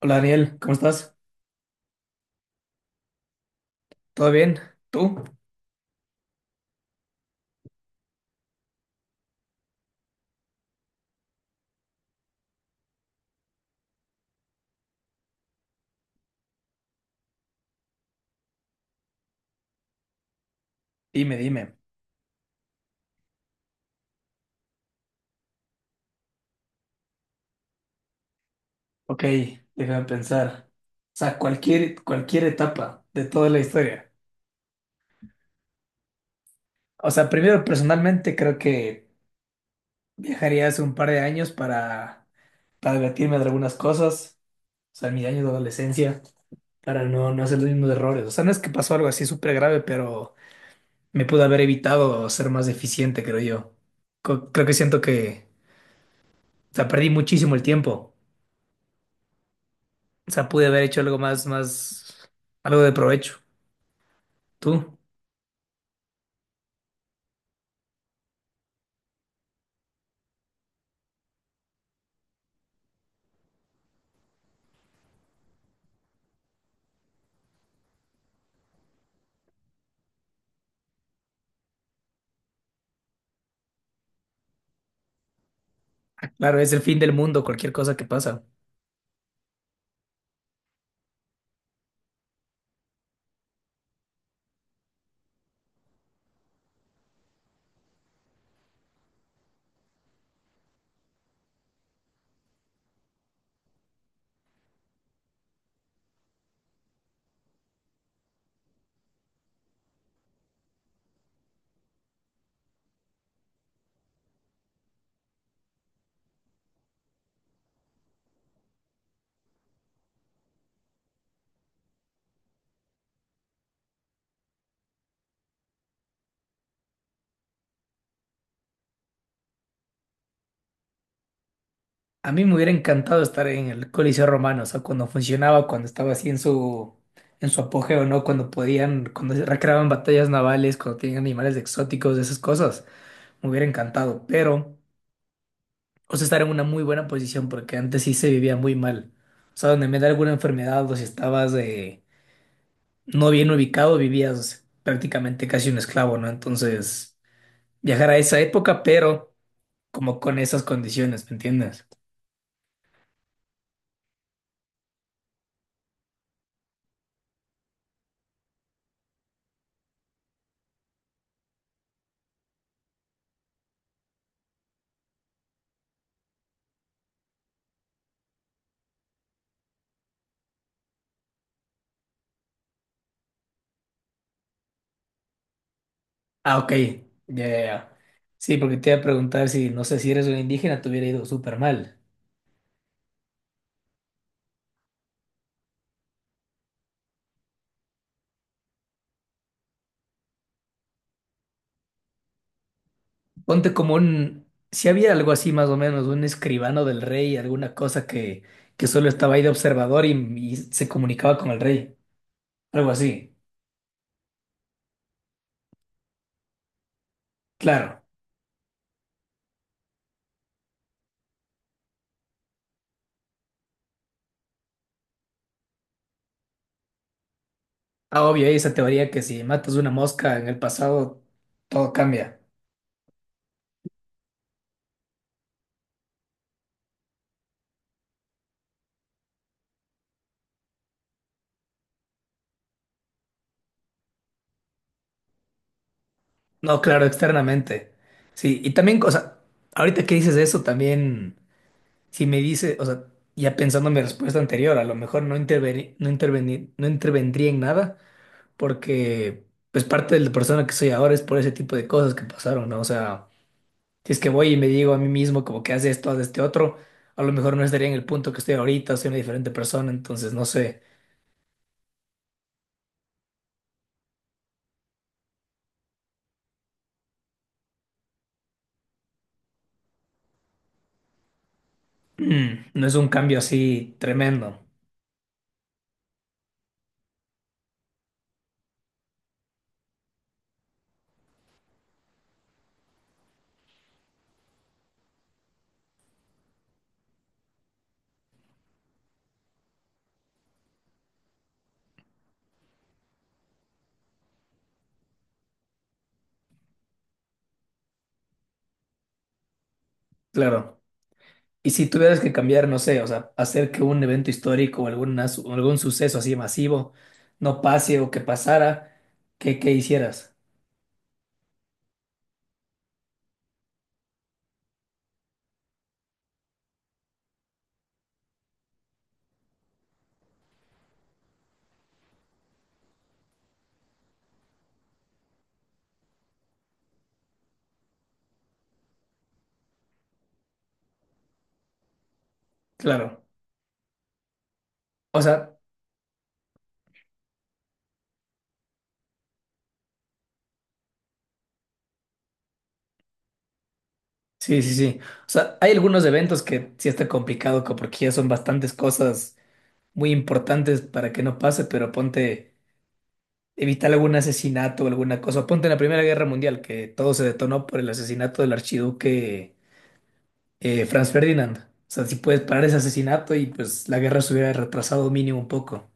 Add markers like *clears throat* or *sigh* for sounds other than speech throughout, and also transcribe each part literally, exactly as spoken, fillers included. Hola Daniel, ¿cómo estás? ¿Todo bien? ¿Tú? Dime, dime. Ok, déjame pensar. O sea, cualquier, cualquier etapa de toda la historia. O sea, primero personalmente creo que viajaría hace un par de años para, para divertirme de algunas cosas. O sea, en mis años de adolescencia, para no, no hacer los mismos errores. O sea, no es que pasó algo así súper grave, pero me pude haber evitado ser más eficiente, creo yo. Co- creo que siento que, o sea, perdí muchísimo el tiempo. O sea, pude haber hecho algo más, más, algo de provecho. Tú, claro, es el fin del mundo, cualquier cosa que pasa. A mí me hubiera encantado estar en el Coliseo Romano, o sea, cuando funcionaba, cuando estaba así en su, en su apogeo, ¿no? Cuando podían, cuando se recreaban batallas navales, cuando tenían animales exóticos, esas cosas. Me hubiera encantado, pero, o sea, estar en una muy buena posición, porque antes sí se vivía muy mal. O sea, donde me da alguna enfermedad o si estabas eh, no bien ubicado, vivías prácticamente casi un esclavo, ¿no? Entonces, viajar a esa época, pero como con esas condiciones, ¿me entiendes? Ah, ok, ya, ya, ya. Sí, porque te iba a preguntar si, no sé, si eres un indígena, te hubiera ido súper mal. Ponte como un, si había algo así más o menos, un escribano del rey, alguna cosa que, que solo estaba ahí de observador y, y se comunicaba con el rey, algo así. Claro, ah, obvio, hay esa teoría que si matas una mosca en el pasado, todo cambia. No, claro, externamente. Sí, y también, cosa ahorita que dices eso, también. Si me dice, o sea, ya pensando en mi respuesta anterior, a lo mejor no interveni- no interveni- no intervendría en nada porque pues parte de la persona que soy ahora es por ese tipo de cosas que pasaron, ¿no? O sea, si es que voy y me digo a mí mismo como que haz esto, haz este otro, a lo mejor no estaría en el punto que estoy ahorita, soy una diferente persona, entonces no sé. *clears throat* Mm, no es un cambio así tremendo, claro. Y si tuvieras que cambiar, no sé, o sea, hacer que un evento histórico o alguna su- o algún suceso así masivo no pase o que pasara, ¿qué, qué hicieras? Claro. O sea, sí, sí, sí. O sea, hay algunos eventos que sí está complicado co- porque ya son bastantes cosas muy importantes para que no pase, pero ponte, evitar algún asesinato o alguna cosa. Ponte en la Primera Guerra Mundial, que todo se detonó por el asesinato del archiduque, eh, Franz Ferdinand. O sea, si puedes parar ese asesinato y pues la guerra se hubiera retrasado mínimo un poco.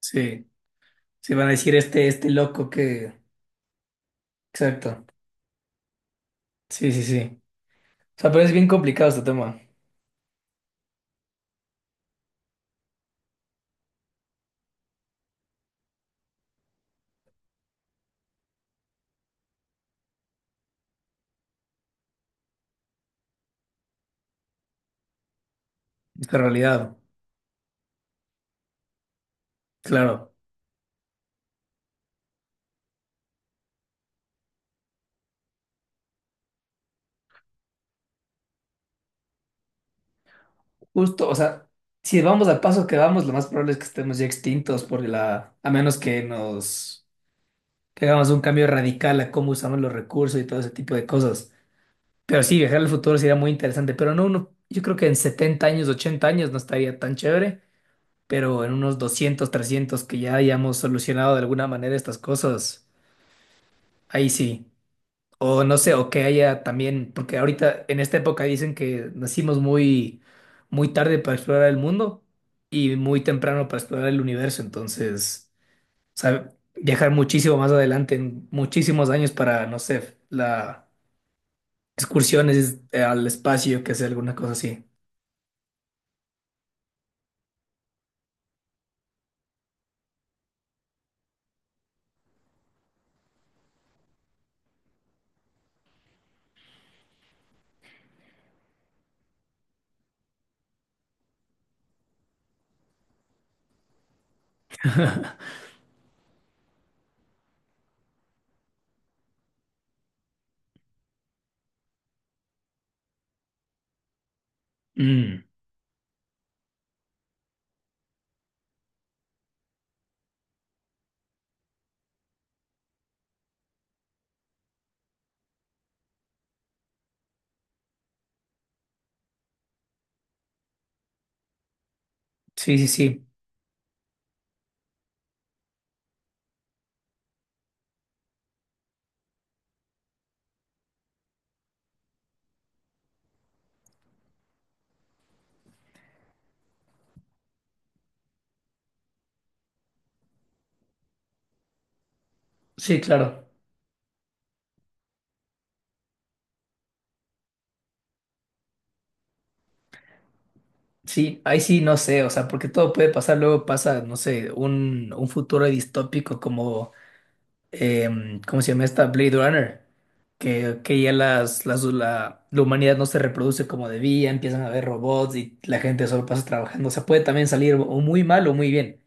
Sí, sí van a decir este, este loco que... Exacto. Sí, sí, sí. O sea, pero es bien complicado este tema, esta realidad. Claro. Justo, o sea, si vamos al paso que vamos, lo más probable es que estemos ya extintos por la... A menos que nos... que hagamos un cambio radical a cómo usamos los recursos y todo ese tipo de cosas. Pero sí, viajar al futuro sería muy interesante, pero no, no, yo creo que en setenta años, ochenta años no estaría tan chévere, pero en unos doscientos trescientos que ya hayamos solucionado de alguna manera estas cosas, ahí sí. O no sé, o que haya también, porque ahorita en esta época dicen que nacimos muy, muy tarde para explorar el mundo y muy temprano para explorar el universo, entonces, o sea, viajar muchísimo más adelante, en muchísimos años para, no sé, la excursiones eh, al espacio, que sea alguna cosa así. Mm, sí, sí, sí, sí, claro. Sí, ahí sí no sé, o sea, porque todo puede pasar, luego pasa, no sé, un, un futuro distópico como, em, ¿cómo se llama esta? Blade Runner, que, que ya las, las, la, la humanidad no se reproduce como debía, empiezan a haber robots y la gente solo pasa trabajando, o sea, puede también salir o muy mal o muy bien.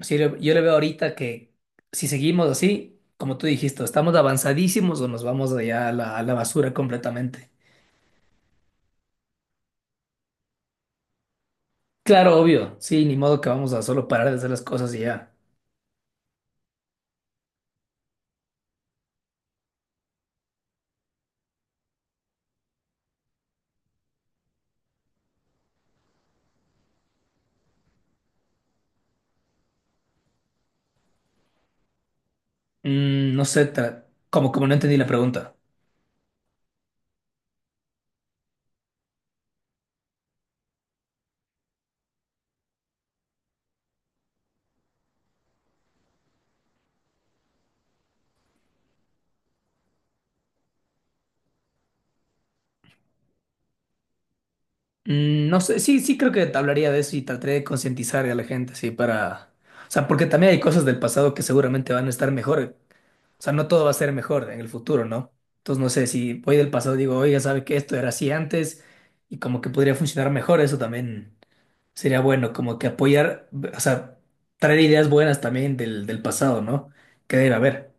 O sea, yo, yo le veo ahorita que si seguimos así, como tú dijiste, estamos avanzadísimos o nos vamos allá a la, a la basura completamente. Claro, obvio, sí, ni modo que vamos a solo parar de hacer las cosas y ya. Mm, no sé, tra- como, como no entendí la pregunta. Mm, no sé, sí, sí creo que te hablaría de eso y trataré de concientizar a la gente, sí, para... O sea, porque también hay cosas del pasado que seguramente van a estar mejor. O sea, no todo va a ser mejor en el futuro, ¿no? Entonces, no sé, si voy del pasado y digo, oiga, ¿sabe que esto era así antes? Y como que podría funcionar mejor, eso también sería bueno, como que apoyar, o sea, traer ideas buenas también del, del pasado, ¿no? Que debe haber.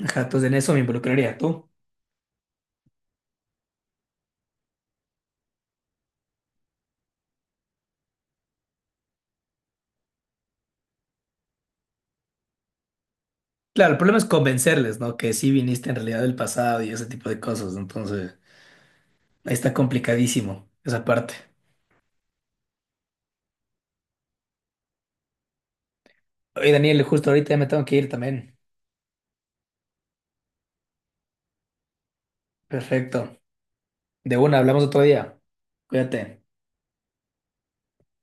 Ajá, entonces en eso me involucraría tú. Claro, el problema es convencerles, ¿no? Que sí viniste en realidad del pasado y ese tipo de cosas. Entonces, ahí está complicadísimo esa parte. Oye, Daniel, justo ahorita ya me tengo que ir también. Perfecto. De una, hablamos otro día. Cuídate.